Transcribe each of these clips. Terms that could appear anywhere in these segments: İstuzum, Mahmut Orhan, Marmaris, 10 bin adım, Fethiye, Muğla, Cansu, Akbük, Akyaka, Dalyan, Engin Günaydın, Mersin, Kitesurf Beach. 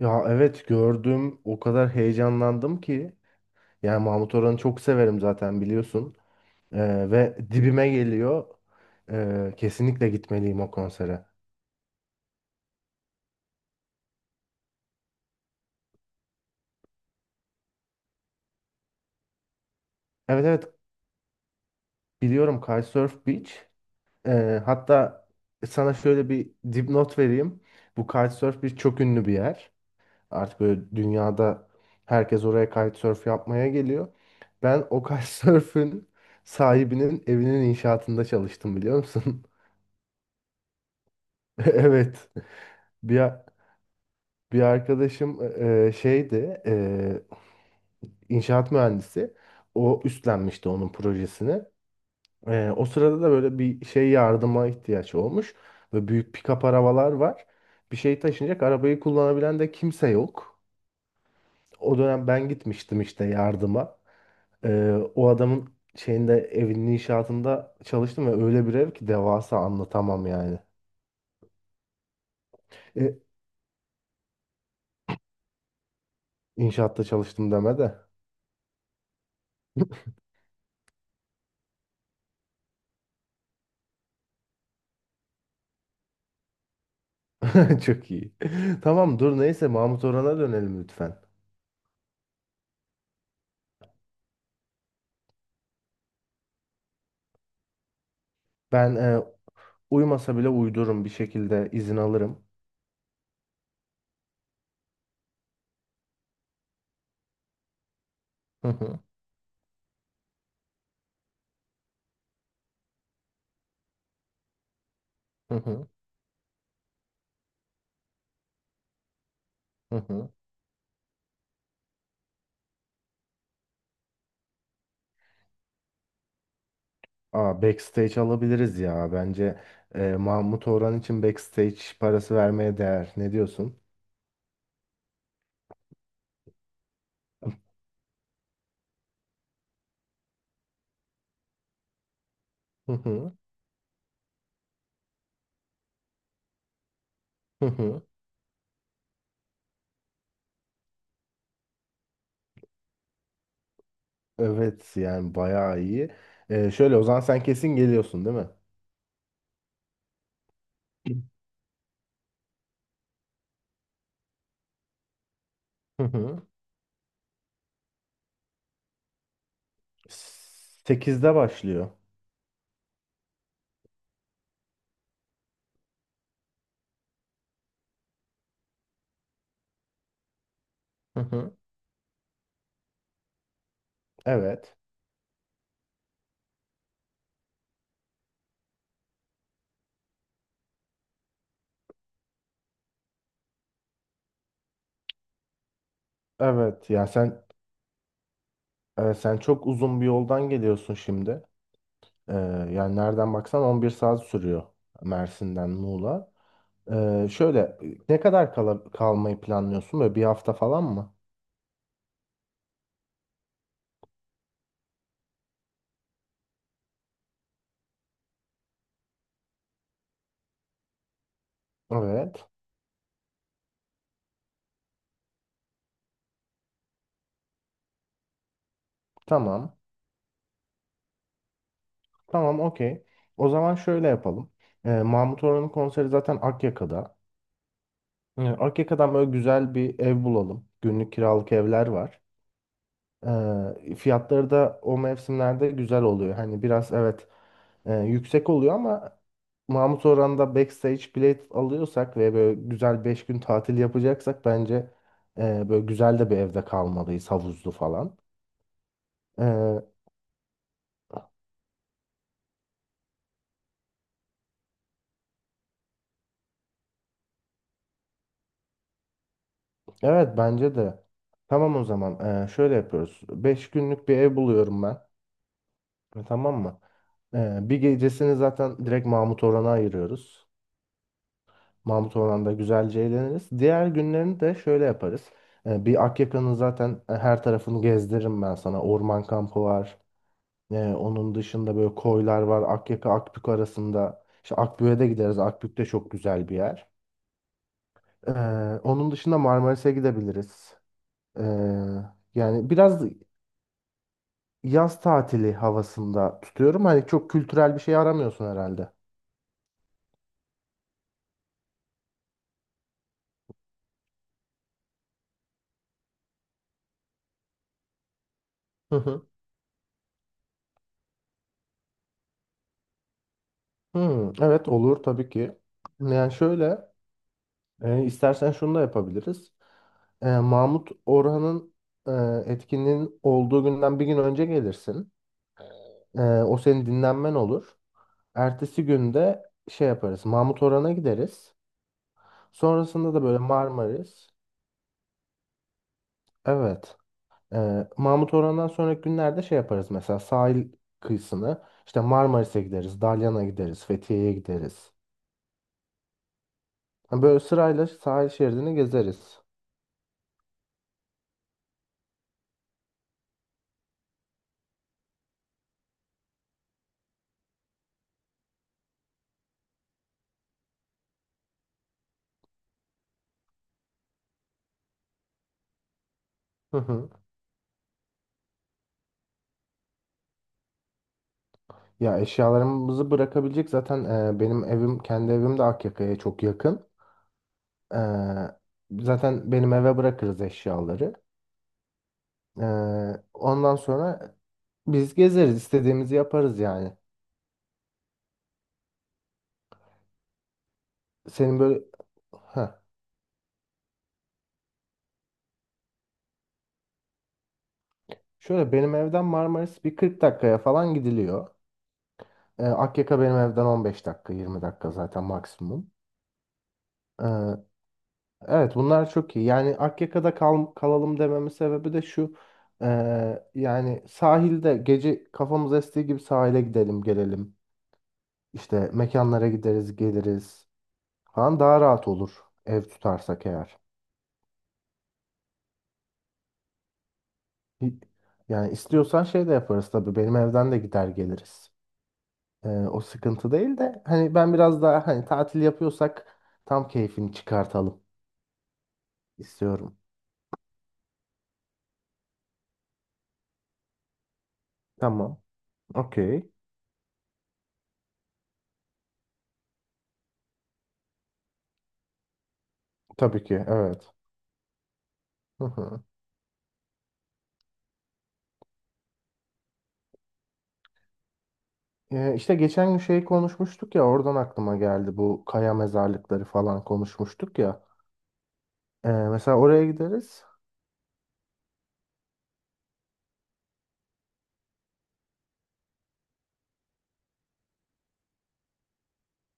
Ya evet gördüm, o kadar heyecanlandım ki yani Mahmut Orhan'ı çok severim zaten biliyorsun. Ve dibime geliyor. Kesinlikle gitmeliyim o konsere. Evet, evet, biliyorum Kitesurf Beach. Hatta sana şöyle bir dipnot vereyim, bu Kitesurf Beach çok ünlü bir yer artık, böyle dünyada herkes oraya kitesurf yapmaya geliyor. Ben o kitesurf'ün sahibinin evinin inşaatında çalıştım, biliyor musun? Evet. Bir, Bir arkadaşım şeydi, inşaat mühendisi. O üstlenmişti onun projesini. O sırada da böyle bir şey yardıma ihtiyaç olmuş. Ve büyük pick-up arabalar var. Bir şey taşınacak, arabayı kullanabilen de kimse yok. O dönem ben gitmiştim işte yardıma. O adamın şeyinde, evinin inşaatında çalıştım ve öyle bir ev ki devasa, anlatamam yani. E, inşaatta çalıştım deme de. Çok iyi. Tamam, dur, neyse Mahmut Orhan'a dönelim lütfen. Ben uyumasa bile uydururum, bir şekilde izin alırım. Hı hı, hı hı, hı hı. Aa, backstage alabiliriz ya. Bence Mahmut Orhan için backstage parası vermeye değer. Ne diyorsun? Hı hı, hı hı. Evet, yani bayağı iyi. Şöyle o zaman sen kesin geliyorsun, değil mi? Hı hı. 8'de başlıyor. Hı hı. Evet. Evet, ya sen sen çok uzun bir yoldan geliyorsun şimdi. Ee, Yani nereden baksan 11 saat sürüyor, Mersin'den Muğla. Şöyle ne kadar kalmayı planlıyorsun? Böyle bir hafta falan mı? Evet. Tamam. Tamam, okey. O zaman şöyle yapalım. Mahmut Orhan'ın konseri zaten Akyaka'da. Akyaka'dan böyle güzel bir ev bulalım. Günlük kiralık evler var. Fiyatları da o mevsimlerde güzel oluyor. Hani biraz, evet, yüksek oluyor ama Mahmut Orhan'da backstage bilet alıyorsak ve böyle güzel 5 gün tatil yapacaksak bence böyle güzel de bir evde kalmalıyız, havuzlu falan. Eee, evet, bence de. Tamam, o zaman şöyle yapıyoruz. 5 günlük bir ev buluyorum ben. Tamam mı? Bir gecesini zaten direkt Mahmut Orhan'a ayırıyoruz. Mahmut Orhan'da güzelce eğleniriz. Diğer günlerini de şöyle yaparız. Bir Akyaka'nın zaten her tarafını gezdiririm ben sana. Orman kampı var. Onun dışında böyle koylar var, Akyaka, Akbük arasında. İşte Akbük'e de gideriz, Akbük de çok güzel bir yer. Ee, Onun dışında Marmaris'e gidebiliriz. Ee, Yani biraz yaz tatili havasında tutuyorum. Hani çok kültürel bir şey aramıyorsun herhalde. Hı hı. Hı, evet, olur tabii ki. Yani şöyle, istersen şunu da yapabiliriz. Mahmut Orhan'ın e, etkinliğin olduğu günden bir gün önce gelirsin. O senin dinlenmen olur. Ertesi günde şey yaparız, Mahmut Orhan'a gideriz. Sonrasında da böyle Marmaris. Evet. Mahmut Orhan'dan sonraki günlerde şey yaparız, mesela sahil kıyısını. İşte Marmaris'e gideriz, Dalyan'a gideriz, Fethiye'ye gideriz. Ha, böyle sırayla sahil şeridini gezeriz. Hı hı. Ya eşyalarımızı bırakabilecek zaten, benim evim, kendi evim de Akyaka'ya çok yakın. Ee, Zaten benim eve bırakırız eşyaları. Ee, Ondan sonra biz gezeriz, istediğimizi yaparız yani. Senin böyle. Heh. Şöyle benim evden Marmaris bir 40 dakikaya falan gidiliyor. Akyaka benim evden 15 dakika, 20 dakika zaten, maksimum. Ee, evet, bunlar çok iyi. Yani Akyaka'da kalalım dememin sebebi de şu. Yani sahilde gece kafamız estiği gibi sahile gidelim, gelelim. İşte mekanlara gideriz, geliriz falan, daha rahat olur ev tutarsak eğer. Hi- Yani istiyorsan şey de yaparız tabii. Benim evden de gider geliriz. O sıkıntı değil de, hani ben biraz daha, hani tatil yapıyorsak tam keyfini çıkartalım istiyorum. Tamam. Okey. Tabii ki, evet. Hı hı. İşte geçen gün şey konuşmuştuk ya, oradan aklıma geldi, bu kaya mezarlıkları falan konuşmuştuk ya. Mesela oraya gideriz.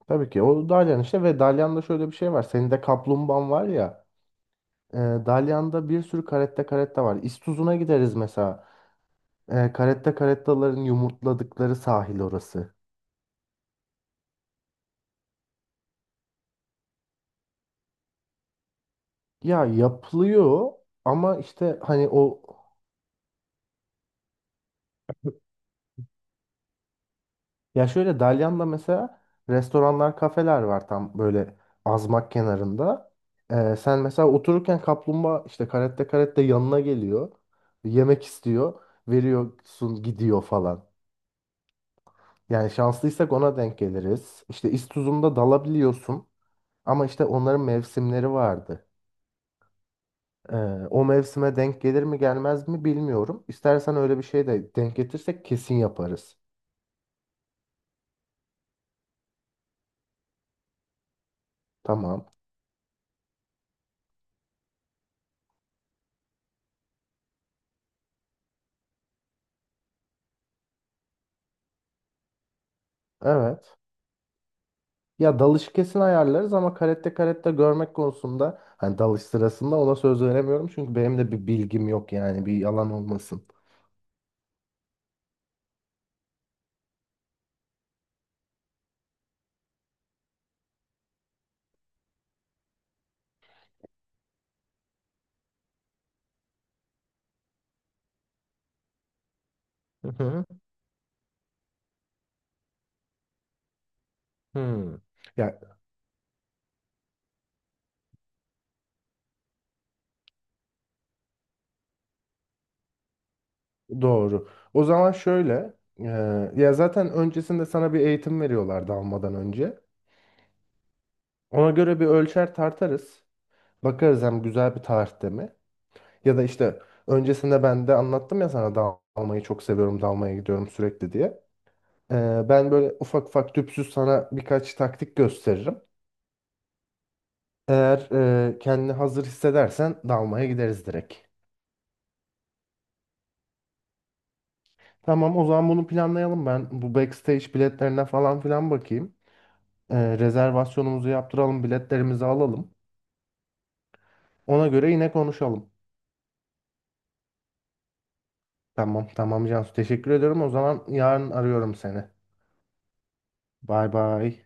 Tabii ki o Dalyan işte, ve Dalyan'da şöyle bir şey var. Senin de kaplumbağan var ya. Dalyan'da bir sürü caretta caretta var. İstuzun'a gideriz mesela. Caretta carettaların yumurtladıkları sahil orası. Ya yapılıyor ama işte hani o, ya şöyle, Dalyan'da mesela restoranlar, kafeler var tam böyle azmak kenarında. Sen mesela otururken kaplumbağa işte, caretta caretta yanına geliyor. Yemek istiyor. Veriyorsun, gidiyor falan. Yani şanslıysak ona denk geliriz. İşte İstuzum'da dalabiliyorsun. Ama işte onların mevsimleri vardı. Ee, O mevsime denk gelir mi, gelmez mi bilmiyorum. İstersen öyle bir şey de denk getirsek kesin yaparız. Tamam. Evet. Ya, dalış kesin ayarlarız ama karette karette görmek konusunda hani dalış sırasında ona söz veremiyorum. Çünkü benim de bir bilgim yok, yani bir yalan olmasın. Hı hı. Hı. Ya, doğru. O zaman şöyle, e, ya zaten öncesinde sana bir eğitim veriyorlar dalmadan önce. Ona göre bir ölçer tartarız. Bakarız hem, güzel bir tarihte mi? Ya da işte öncesinde ben de anlattım ya sana, dalmayı çok seviyorum, dalmaya gidiyorum sürekli diye. Ben böyle ufak ufak tüpsüz sana birkaç taktik gösteririm. Eğer kendini hazır hissedersen dalmaya gideriz direkt. Tamam, o zaman bunu planlayalım ben. Bu backstage biletlerine falan filan bakayım. Rezervasyonumuzu yaptıralım, biletlerimizi alalım. Ona göre yine konuşalım. Tamam, tamam Cansu, teşekkür ediyorum. O zaman yarın arıyorum seni. Bay bay.